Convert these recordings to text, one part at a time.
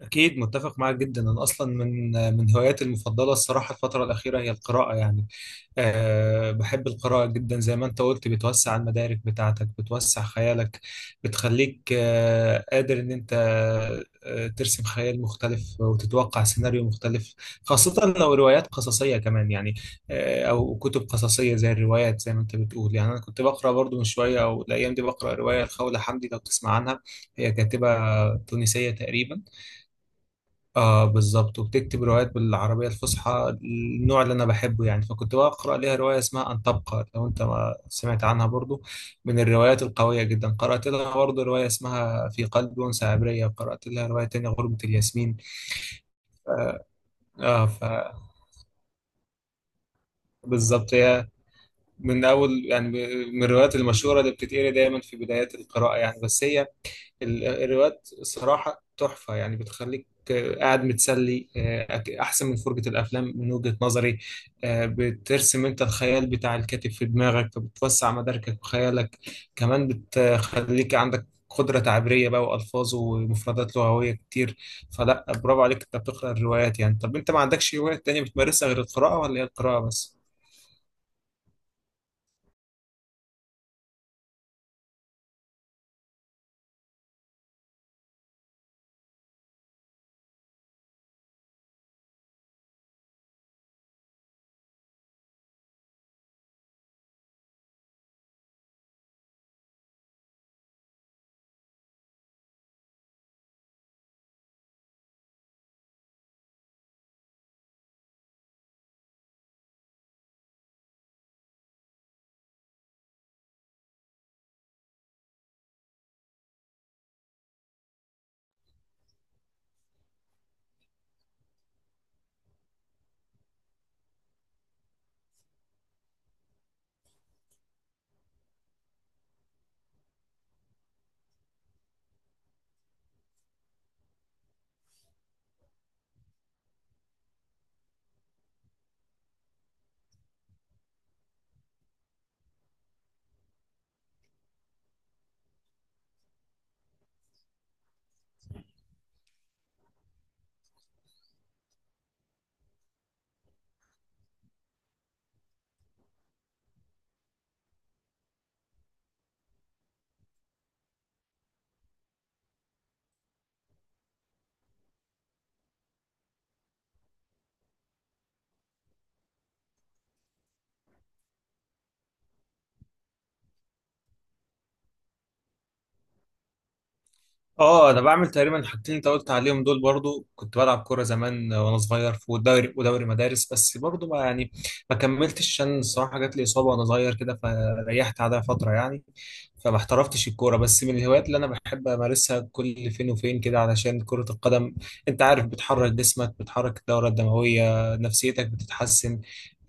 أكيد متفق معاك جدا. أنا أصلا من هواياتي المفضلة الصراحة الفترة الأخيرة هي القراءة. يعني بحب القراءة جدا، زي ما أنت قلت بتوسع المدارك بتاعتك، بتوسع خيالك، بتخليك قادر إن أنت ترسم خيال مختلف وتتوقع سيناريو مختلف، خاصة لو روايات قصصية كمان يعني، أو كتب قصصية زي الروايات زي ما أنت بتقول. يعني أنا كنت بقرأ برضو من شوية، أو الأيام دي بقرأ رواية الخولة حمدي، لو تسمع عنها. هي كاتبة تونسية تقريبا. اه بالظبط، وبتكتب روايات بالعربية الفصحى، النوع اللي انا بحبه يعني. فكنت بقرا ليها رواية اسمها ان تبقى، لو انت ما سمعت عنها برضو، من الروايات القوية جدا. قرأت لها برضو رواية اسمها في قلب انثى عبرية، قرأت لها رواية تانية غربة الياسمين. اه فبالظبط، هي من اول يعني من الروايات المشهورة اللي بتتقري دايما في بدايات القراءة يعني. بس هي الروايات صراحة تحفة يعني، بتخليك قاعد متسلي، أحسن من فرجة الأفلام من وجهة نظري. بترسم أنت الخيال بتاع الكاتب في دماغك، فبتوسع مداركك وخيالك، كمان بتخليك عندك قدرة تعبيرية بقى وألفاظ ومفردات لغوية كتير. فلا برافو عليك أنت بتقرأ الروايات يعني. طب أنت ما عندكش هواية تانية بتمارسها غير القراءة، ولا هي القراءة بس؟ اه انا بعمل تقريبا الحاجتين اللي انت قلت عليهم دول. برضو كنت بلعب كوره زمان وانا صغير، في دوري ودوري مدارس، بس برضو ما يعني ما كملتش، عشان الصراحه جات لي اصابه وانا صغير كده فريحت عليها فتره يعني، فما احترفتش الكوره. بس من الهوايات اللي انا بحب امارسها كل فين وفين كده علشان كره القدم، انت عارف، بتحرك جسمك، بتحرك الدوره الدمويه، نفسيتك بتتحسن،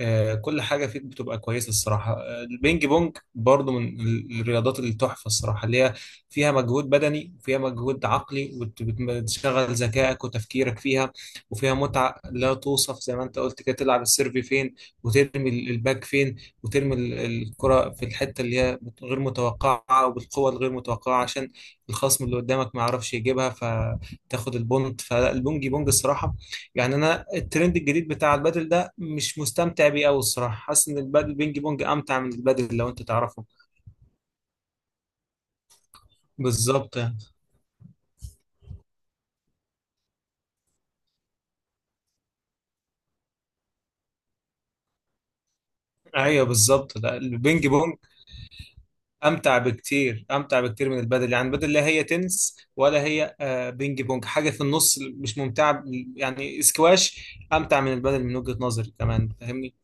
كل حاجه فيك بتبقى كويسه الصراحه. البينج بونج برضو من الرياضات اللي تحفه الصراحه، اللي هي فيها مجهود بدني وفيها مجهود عقلي، وبت- بت- بتشغل ذكائك وتفكيرك فيها، وفيها متعة لا توصف. زي ما انت قلت كده، تلعب السيرف فين، وترمي الباك فين، وترمي الكرة في الحتة اللي هي غير متوقعة وبالقوة الغير متوقعة، عشان الخصم اللي قدامك ما يعرفش يجيبها، فتاخد البونت. فالبونجي بونج الصراحة يعني، انا الترند الجديد بتاع البادل ده مش مستمتع بيه قوي الصراحة، حاسس ان البادل بينج بونج امتع من البادل، لو انت تعرفه. بالظبط. ايوه بالظبط، لا البينج بونج امتع بكتير، امتع بكتير من البادل يعني. البادل لا هي تنس ولا هي بينج بونج، حاجه في النص مش ممتعه يعني. سكواش امتع من البادل من وجهه نظري كمان، فاهمني.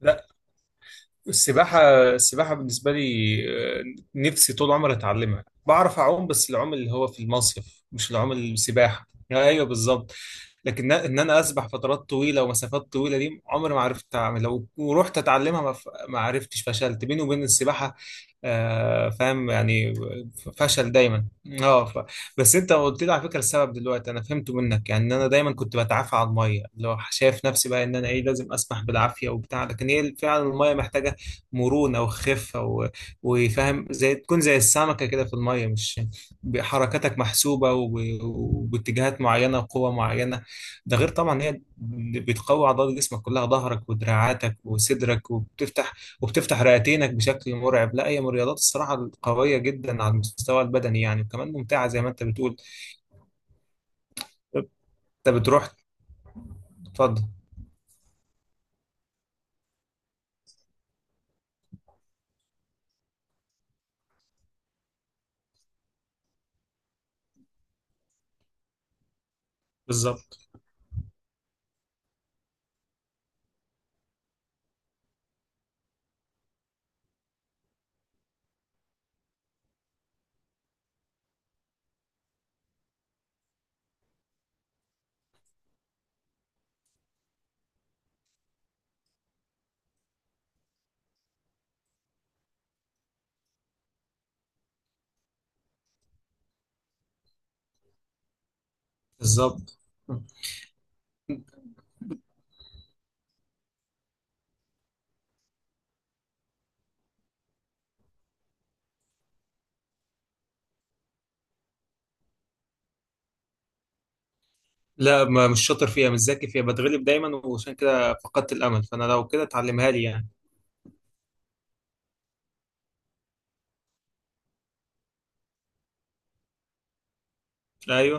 لا. السباحة. السباحة بالنسبة لي، آه، نفسي طول عمري أتعلمها. بعرف أعوم بس العوم اللي هو في المصيف، مش العوم السباحة. أيوه بالظبط. لكن إن أنا أسبح فترات طويلة ومسافات طويلة دي عمري ما عرفت أعمل. لو ورحت أتعلمها ما ما عرفتش، فشلت بيني وبين السباحة فاهم يعني، فشل دايما. أه ف... بس أنت قلت لي على فكرة السبب دلوقتي أنا فهمته منك، يعني إن أنا دايما كنت بتعافى على المية، اللي هو شايف نفسي بقى إن أنا إيه، لازم أسبح بالعافية وبتاع. لكن هي فعلا المية محتاجة مرونة وخفة و- وفاهم، زي تكون زي السمكة كده في المية، مش حركاتك محسوبة و- وباتجاهات معينة وقوة معينة. ده غير طبعا هي بتقوي عضلات جسمك كلها، ظهرك ودراعاتك وصدرك، وبتفتح رئتينك بشكل مرعب. لا هي من الرياضات الصراحة القوية جدا على المستوى البدني يعني، وكمان ممتعة زي ما انت بتقول. انت بتروح. تفضل. بالظبط. بالظبط. لا ما مش شاطر فيها، مش ذكي فيها، بتغلب دايما وعشان كده فقدت الامل. فانا لو كده اتعلمها لي يعني. ايوه.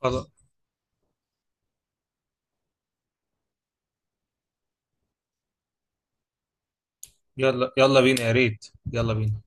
خلاص. يلا يلا بينا يا ريت. يلا بينا.